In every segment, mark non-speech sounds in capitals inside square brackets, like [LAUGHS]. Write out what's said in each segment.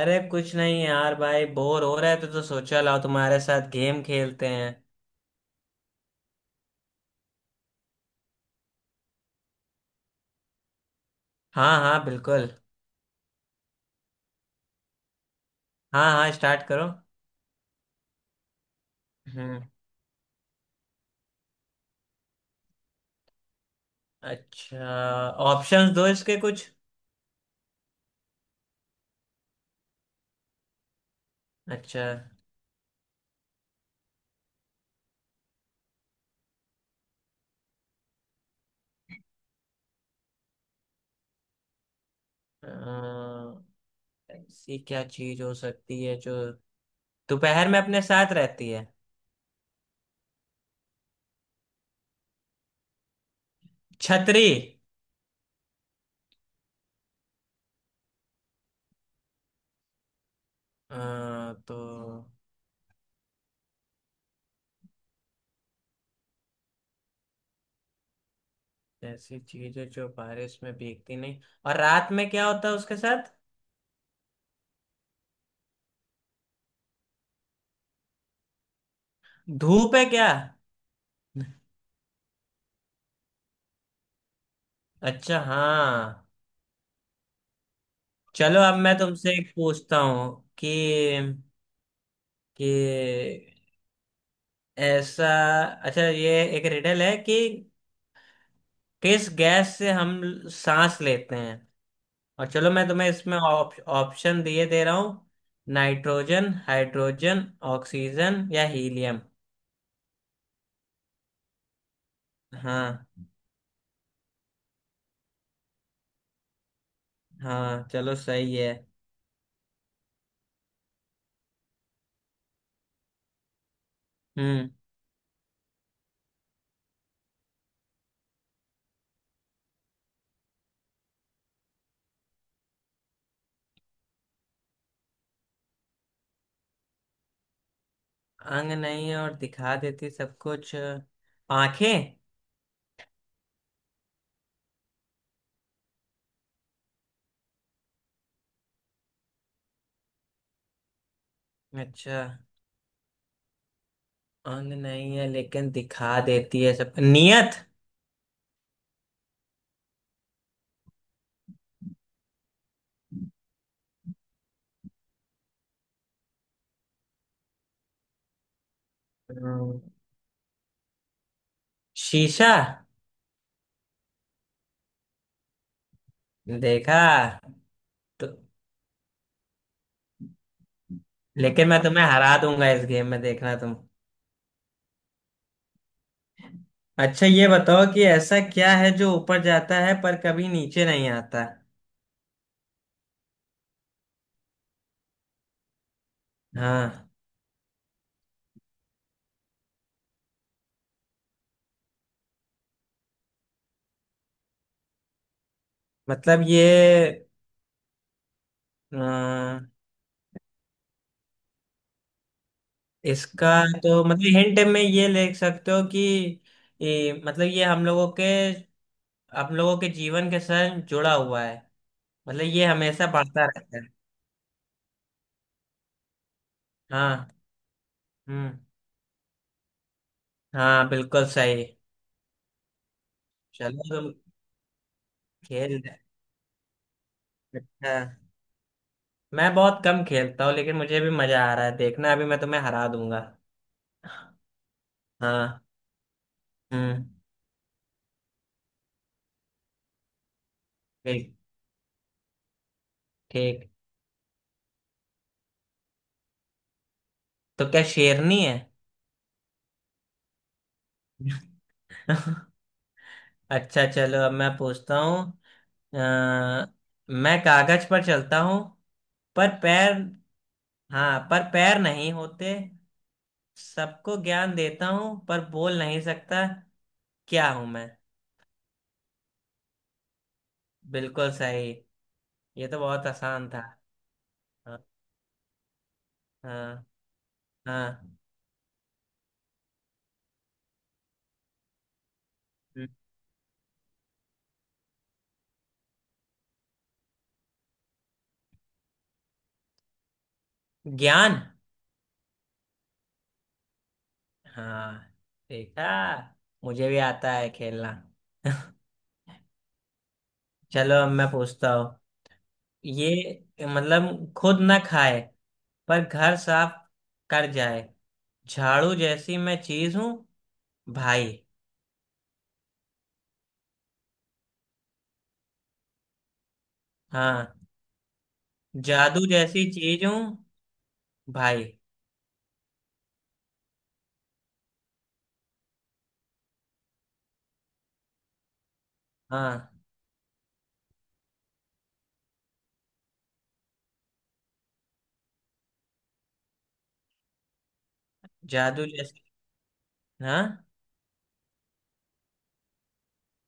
अरे कुछ नहीं यार, भाई बोर हो रहे थे तो सोचा लाओ तुम्हारे साथ गेम खेलते हैं। हाँ हाँ बिल्कुल। हाँ हाँ, स्टार्ट करो। हम्म। अच्छा, ऑप्शंस दो इसके कुछ। अच्छा। अ, ऐसी क्या चीज हो सकती है जो दोपहर में अपने साथ रहती है। छतरी। अ, तो ऐसी चीज है जो बारिश में भीगती नहीं, और रात में क्या होता है उसके साथ। धूप है क्या। अच्छा हाँ। चलो अब मैं तुमसे एक पूछता हूँ कि ऐसा। अच्छा, ये एक रिडल है कि किस गैस से हम सांस लेते हैं, और चलो मैं तुम्हें इसमें ऑप्शन दिए दे रहा हूँ। नाइट्रोजन, हाइड्रोजन, ऑक्सीजन या हीलियम। हाँ, हाँ चलो सही है। हम्म। अंग नहीं है और दिखा देती सब कुछ। आंखें। अच्छा, अंग नहीं है लेकिन दिखा देती है सब नियत। शीशा। देखा। तो लेकिन मैं तुम्हें हरा दूंगा इस गेम में, देखना तुम। अच्छा, ये बताओ कि ऐसा क्या है जो ऊपर जाता है पर कभी नीचे नहीं आता। हाँ मतलब ये अ, इसका तो मतलब हिंट में ये लिख सकते हो कि मतलब ये हम लोगों के जीवन के साथ जुड़ा हुआ है, मतलब ये हमेशा बढ़ता रहता है। हाँ। हम्म। हाँ बिल्कुल सही। चलो तुम खेल रहे अच्छा, मैं बहुत कम खेलता हूँ लेकिन मुझे भी मजा आ रहा है, देखना अभी मैं तुम्हें हरा दूंगा। हाँ। हम्म। ठीक। ठीक। तो क्या शेरनी है। [LAUGHS] अच्छा चलो अब मैं पूछता हूँ। अ, मैं कागज पर चलता हूँ पर पैर हाँ, पर पैर नहीं होते। सबको ज्ञान देता हूँ पर बोल नहीं सकता। क्या हूँ मैं। बिल्कुल सही। ये तो बहुत आसान था। हाँ। हाँ। हाँ। ज्ञान। हाँ। देखा, मुझे भी आता है खेलना। [LAUGHS] चलो अब मैं पूछता हूँ। ये मतलब खुद ना खाए पर घर साफ कर जाए। झाड़ू जैसी मैं चीज हूँ, भाई। हाँ। जादू जैसी चीज हूँ, भाई। हाँ। जादू जैसी। हाँ,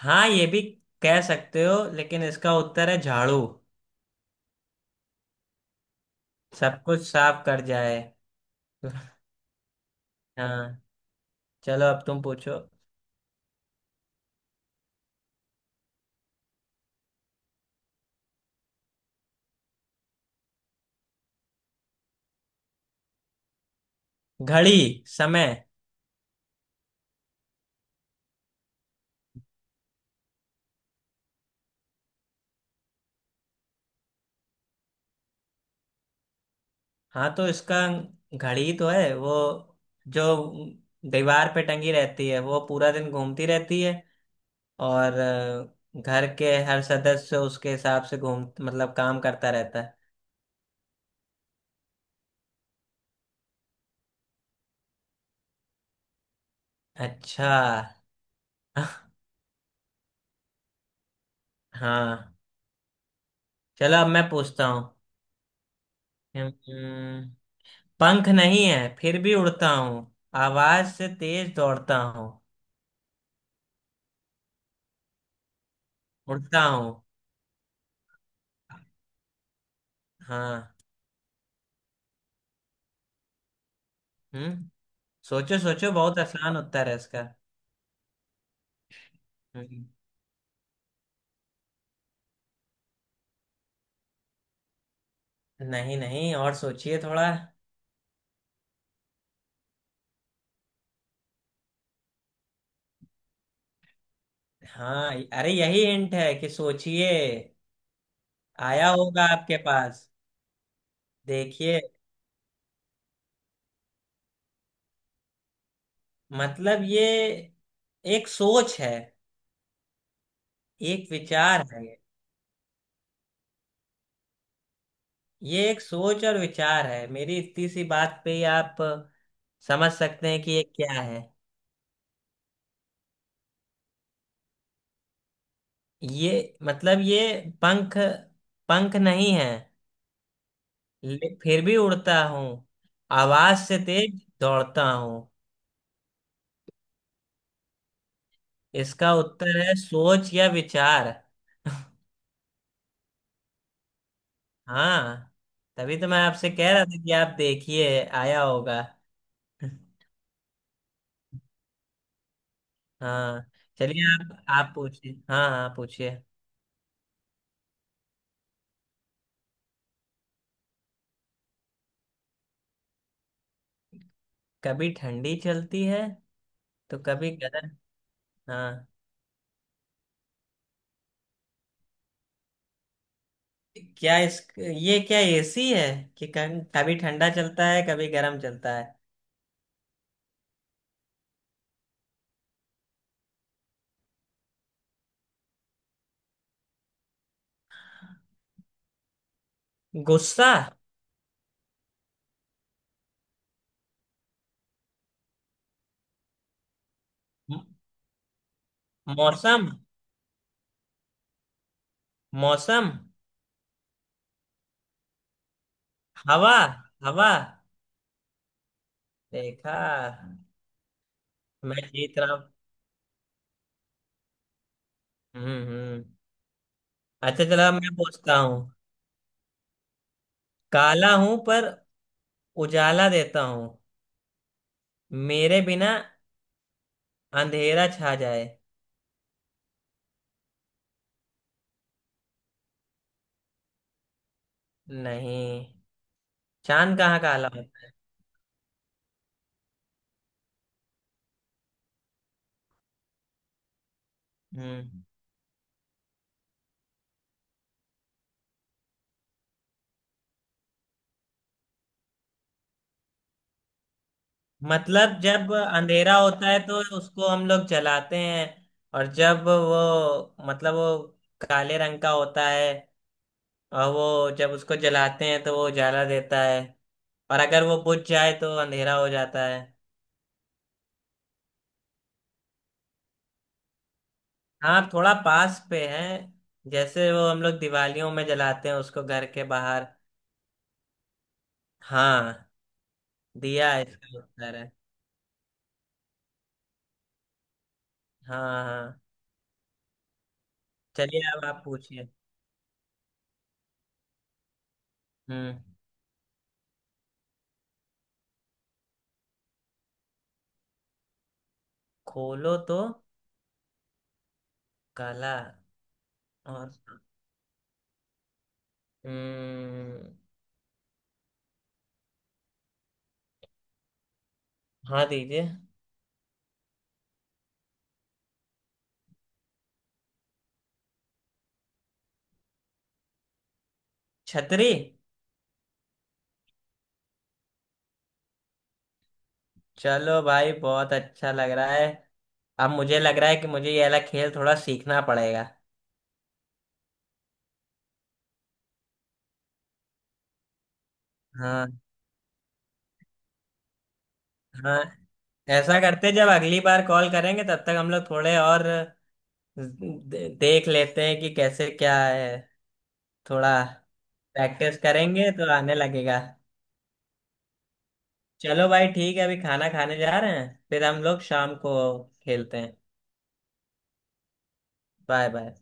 हाँ ये भी कह सकते हो लेकिन इसका उत्तर है झाड़ू। सब कुछ साफ कर जाए। [LAUGHS] हाँ। चलो अब तुम पूछो। घड़ी, समय। हाँ तो इसका, घड़ी तो है वो जो दीवार पे टंगी रहती है, वो पूरा दिन घूमती रहती है, और घर के हर सदस्य उसके हिसाब से घूम, मतलब काम करता रहता है। अच्छा। [LAUGHS] हाँ। चलो अब मैं पूछता हूँ। हम्म, पंख नहीं है फिर भी उड़ता हूँ, आवाज से तेज दौड़ता हूँ। उड़ता हूँ। हाँ। हम्म। सोचो सोचो, बहुत आसान उत्तर है इसका। हम्म। नहीं नहीं, और सोचिए थोड़ा। हाँ अरे, यही हिंट है कि सोचिए। आया होगा आपके पास। देखिए, मतलब ये एक सोच है, एक विचार है। ये एक सोच और विचार है। मेरी इतनी सी बात पे ही आप समझ सकते हैं कि ये क्या है। ये मतलब ये पंख, पंख नहीं है, फिर भी उड़ता हूँ, आवाज से तेज दौड़ता हूँ। इसका उत्तर है सोच या विचार। हाँ, तभी तो मैं आपसे कह रहा था कि आप देखिए, आया होगा। [LAUGHS] हाँ। चलिए आप पूछिए, हाँ हाँ पूछिए। कभी ठंडी चलती है तो कभी गर्म। हाँ। क्या इस, ये क्या एसी है कि कभी कभी ठंडा चलता है कभी गर्म चलता है। गुस्सा। म- मौसम। मौसम। हवा। हवा। देखा, मैं जीत रहा हूँ। हम्म। अच्छा चलो अब मैं पूछता हूँ। काला हूं पर उजाला देता हूँ, मेरे बिना अंधेरा छा जाए। नहीं, चांद कहाँ काला होता है। हम्म। मतलब जब अंधेरा होता है तो उसको हम लोग जलाते हैं, और जब वो, मतलब वो काले रंग का होता है, और वो जब उसको जलाते हैं तो वो उजाला देता है, और अगर वो बुझ जाए तो अंधेरा हो जाता है। हाँ थोड़ा पास पे है, जैसे वो हम लोग दिवालियों में जलाते हैं उसको घर के बाहर। हाँ, दिया इसका उत्तर है। हाँ हाँ। चलिए अब आप पूछिए। हम्म। खोलो तो काला और। हम्म। हाँ दीजिए। छतरी। चलो भाई बहुत अच्छा लग रहा है। अब मुझे लग रहा है कि मुझे ये वाला खेल थोड़ा सीखना पड़ेगा। हाँ। हाँ, ऐसा करते जब अगली बार कॉल करेंगे तब तक हम लोग थोड़े और देख लेते हैं कि कैसे क्या है। थोड़ा प्रैक्टिस करेंगे तो आने लगेगा। चलो भाई ठीक है, अभी खाना खाने जा रहे हैं फिर हम लोग शाम को खेलते हैं। Bye bye.